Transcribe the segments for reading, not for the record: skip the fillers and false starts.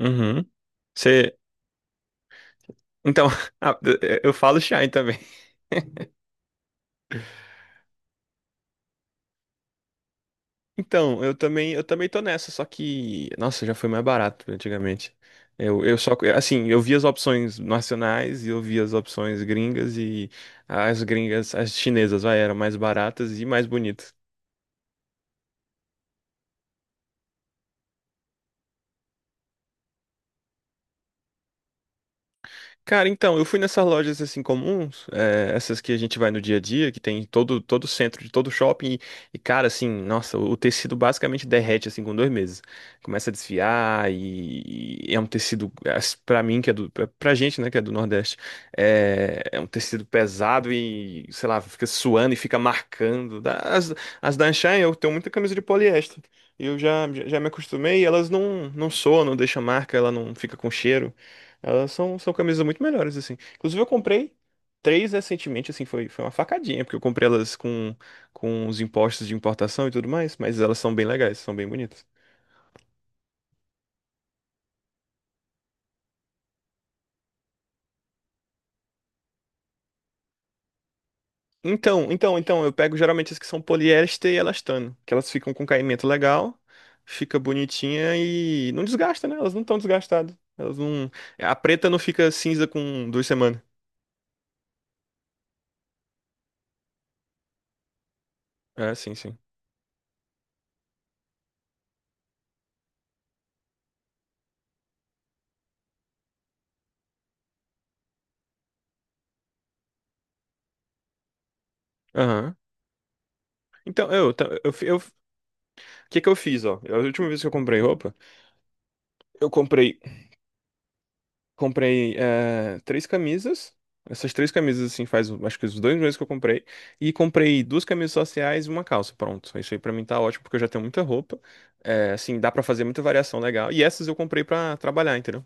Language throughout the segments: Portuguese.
Uhum. Você, então, ah, eu falo Shine também. Então, eu também tô nessa, só que, nossa, já foi mais barato antigamente. Eu só, assim, eu vi as opções nacionais e eu vi as opções gringas e as gringas, as chinesas, vai, eram mais baratas e mais bonitas. Cara, então, eu fui nessas lojas assim comuns, essas que a gente vai no dia a dia, que tem em todo centro de todo shopping, e, cara, assim, nossa, tecido basicamente derrete assim com dois meses. Começa a desfiar e é um tecido, pra mim que é pra gente, né, que é do Nordeste, é um tecido pesado e, sei lá, fica suando e fica marcando. As da Anshan, eu tenho muita camisa de poliéster. Eu já, já me acostumei, elas não soam, não deixam marca, ela não fica com cheiro. Elas são camisas muito melhores, assim. Inclusive, eu comprei três recentemente, assim, foi uma facadinha, porque eu comprei elas com os impostos de importação e tudo mais, mas elas são bem legais, são bem bonitas. Então, eu pego geralmente as que são poliéster e elastano, que elas ficam com caimento legal, fica bonitinha e não desgasta, né? Elas não estão desgastadas. Elas não. A preta não fica cinza com duas semanas. É, sim, sim. Aham. Então, eu, ta- eu, fi- eu, o que que eu fiz, ó? A última vez que eu comprei roupa, eu comprei. Três camisas. Essas três camisas, assim, faz acho que os dois meses que eu comprei. E comprei duas camisas sociais e uma calça. Pronto. Isso aí pra mim tá ótimo, porque eu já tenho muita roupa. Assim, dá pra fazer muita variação legal. E essas eu comprei pra trabalhar, entendeu?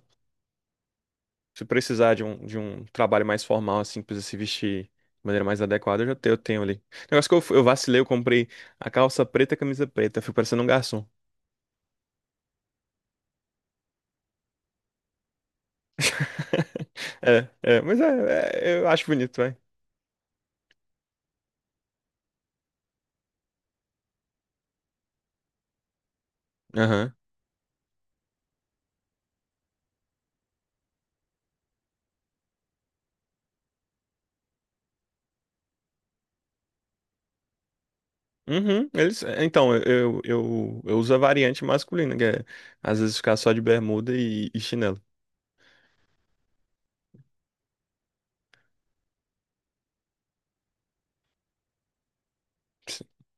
Se precisar de um trabalho mais formal, assim, precisa se vestir de maneira mais adequada, eu já tenho, eu tenho ali. Negócio que eu vacilei, eu comprei a calça preta e a camisa preta. Eu fico parecendo um garçom. Mas eu acho bonito, vai. Aham. Uhum, é, então, eu, uso a variante masculina, que é às vezes ficar só de bermuda e chinelo.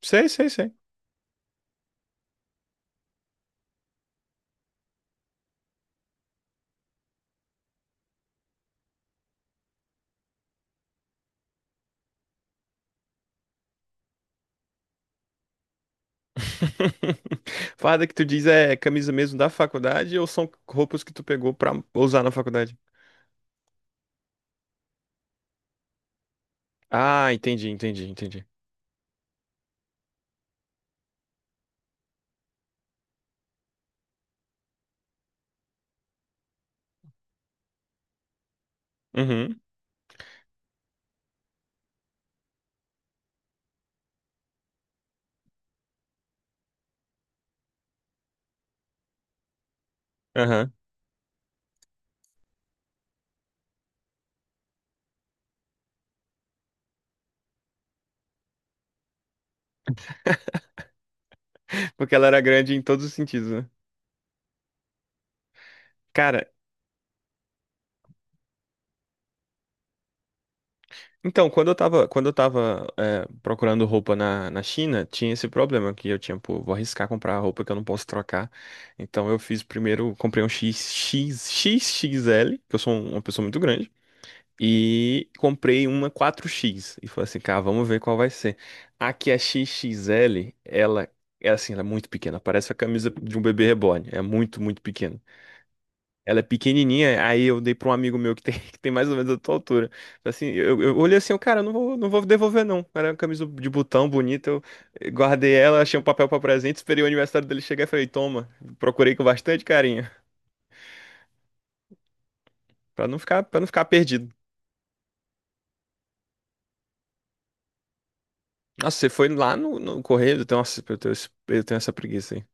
Sei, sei, sei. Farda que tu diz é camisa mesmo da faculdade ou são roupas que tu pegou pra usar na faculdade? Ah, entendi, entendi, entendi. Uhum, aham. Porque ela era grande em todos os sentidos, né? Cara, então, quando eu tava, procurando roupa na China, tinha esse problema que eu tinha, pô, vou arriscar comprar roupa que eu não posso trocar. Então eu fiz primeiro, comprei um X, X, X L, que eu sou uma pessoa muito grande, e comprei uma 4X. E falei assim, cara, vamos ver qual vai ser. Aqui a X X L, ela é assim, ela é muito pequena, parece a camisa de um bebê reborn. É muito, muito pequena. Ela é pequenininha, aí eu dei pra um amigo meu que tem, que tem mais ou menos a tua altura. Assim, eu olhei assim, eu, cara, eu não vou devolver não. Era uma camisa de botão bonita, eu guardei ela, achei um papel pra presente, esperei o aniversário dele chegar e falei, toma, procurei com bastante carinho, Pra não ficar, para não ficar perdido. Nossa, você foi lá no correio? Nossa, eu tenho essa preguiça aí.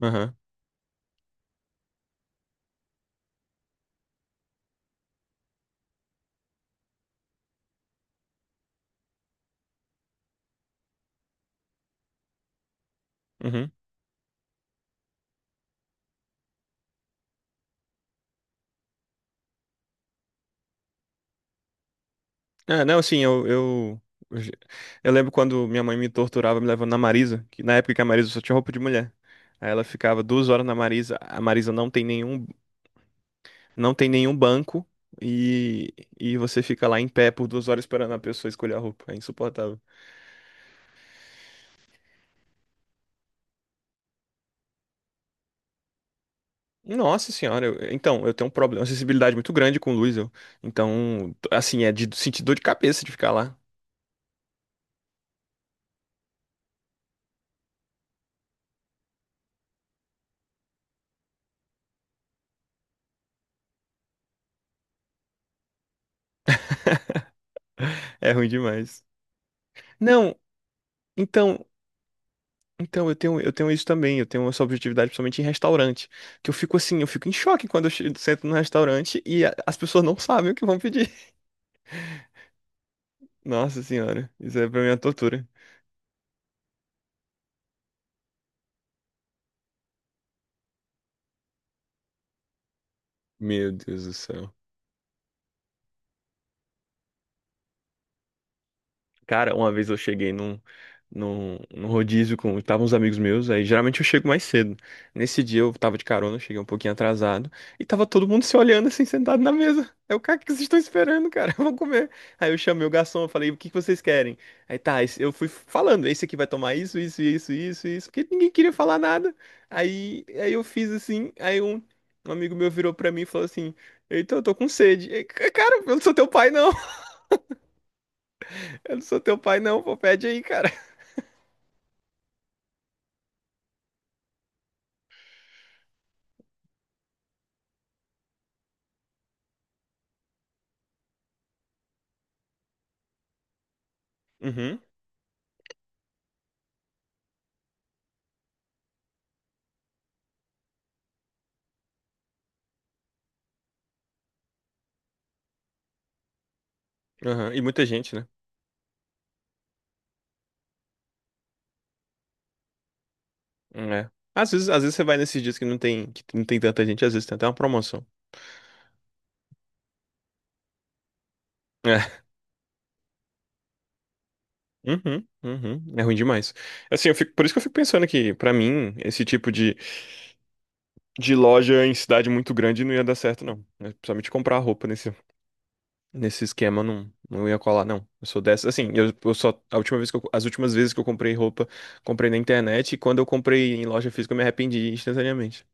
Aham. Uhum. É, não, assim, eu, ge- eu lembro quando minha mãe me torturava me levando na Marisa, que na época que a Marisa só tinha roupa de mulher. Aí ela ficava duas horas na Marisa, a Marisa não tem nenhum banco e, e você fica lá em pé por duas horas esperando a pessoa escolher a roupa. É insuportável. Nossa senhora, então, eu tenho um problema, uma sensibilidade muito grande com luz, eu. Então, assim, é de sentir dor de cabeça de ficar lá. É ruim demais. Não, então. Então, eu tenho isso também, eu tenho essa objetividade principalmente em restaurante, que eu fico assim, eu fico em choque quando eu sento no restaurante e as pessoas não sabem o que vão pedir. Nossa senhora, isso é pra mim é uma tortura. Meu Deus do céu. Cara, uma vez eu cheguei num rodízio com. Estavam uns amigos meus, aí geralmente eu chego mais cedo. Nesse dia eu tava de carona, cheguei um pouquinho atrasado, e tava todo mundo se olhando assim, sentado na mesa. Cara, o que vocês estão esperando, cara? Eu vou comer. Aí eu chamei o garçom, eu falei, o que que vocês querem? Aí tá, eu fui falando, esse aqui vai tomar isso, isso, isso, isso, isso, porque ninguém queria falar nada. Aí, eu fiz assim, aí um amigo meu virou pra mim e falou assim: eita, eu tô com sede. Aí, cara, eu não sou teu pai, não. Eu não sou teu pai, não. Pô, pede aí, cara. Uhum, aham. E muita gente, né? É. Às vezes, você vai nesses dias que que não tem tanta gente, às vezes tem até uma promoção. É. Uhum, uhum. É ruim demais. Assim, eu fico, por isso que eu fico pensando que, pra mim, esse tipo de loja em cidade muito grande não ia dar certo, não. É, principalmente comprar roupa nesse esquema, não ia colar, não. Eu sou dessa. Assim, eu só. A última vez que eu- as últimas vezes que eu comprei roupa, comprei na internet, e quando eu comprei em loja física, eu me arrependi instantaneamente.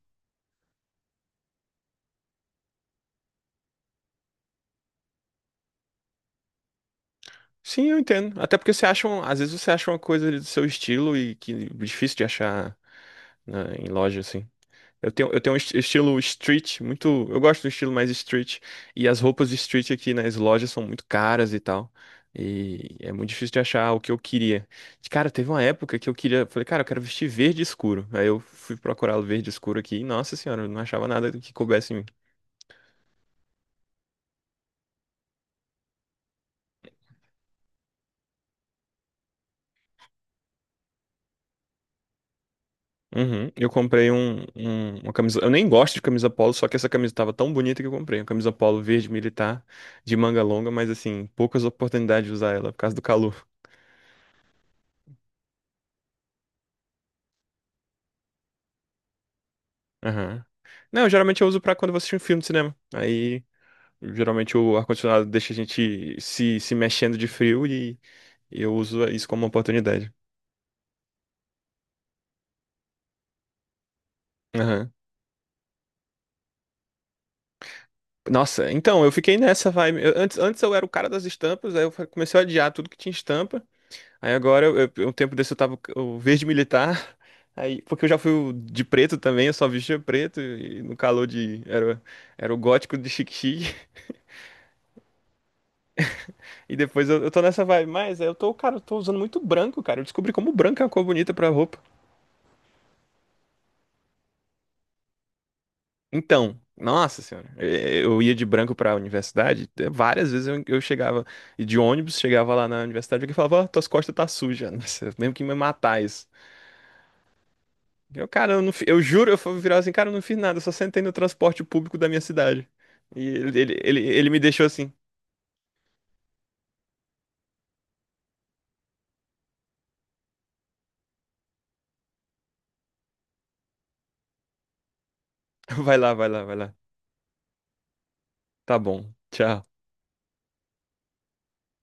Sim, eu entendo. Até porque você acha, às vezes você acha uma coisa ali do seu estilo e que é difícil de achar em loja assim. Eu tenho um estilo street, muito, eu gosto do estilo mais street, e as roupas de street aqui nas lojas são muito caras e tal. E é muito difícil de achar o que eu queria. Cara, teve uma época que eu queria, falei, cara, eu quero vestir verde escuro. Aí eu fui procurar o verde escuro aqui e, nossa senhora, eu não achava nada que coubesse em mim. Uhum. Eu comprei uma camisa. Eu nem gosto de camisa polo, só que essa camisa tava tão bonita que eu comprei. Uma camisa polo verde militar de manga longa, mas assim, poucas oportunidades de usar ela por causa do calor. Aham. Não, geralmente eu uso pra quando eu vou assistir um filme de cinema. Aí, geralmente o ar-condicionado deixa a gente se mexendo de frio, e eu uso isso como uma oportunidade. Aham. Nossa, então, eu fiquei nessa vibe. Antes, eu era o cara das estampas, aí comecei a adiar tudo que tinha estampa. Aí agora, um tempo desse eu tava o verde militar, aí, porque eu já fui o de preto também, eu só vestia preto. E no calor de... Era, era o gótico de chique-chique, e depois eu tô nessa vibe, mas eu tô, cara, eu tô usando muito branco, cara, eu descobri como branco é uma cor bonita pra roupa. Então, nossa senhora, eu ia de branco pra universidade, várias vezes eu chegava, e de ônibus, chegava lá na universidade, e alguém falava, ó, tuas costas tá suja, nossa, eu lembro que me matar isso. Eu, cara, eu, não, eu juro, eu fui virar assim, cara, eu não fiz nada, eu só sentei no transporte público da minha cidade. E ele me deixou assim, vai lá, vai lá, vai lá. Tá bom, tchau.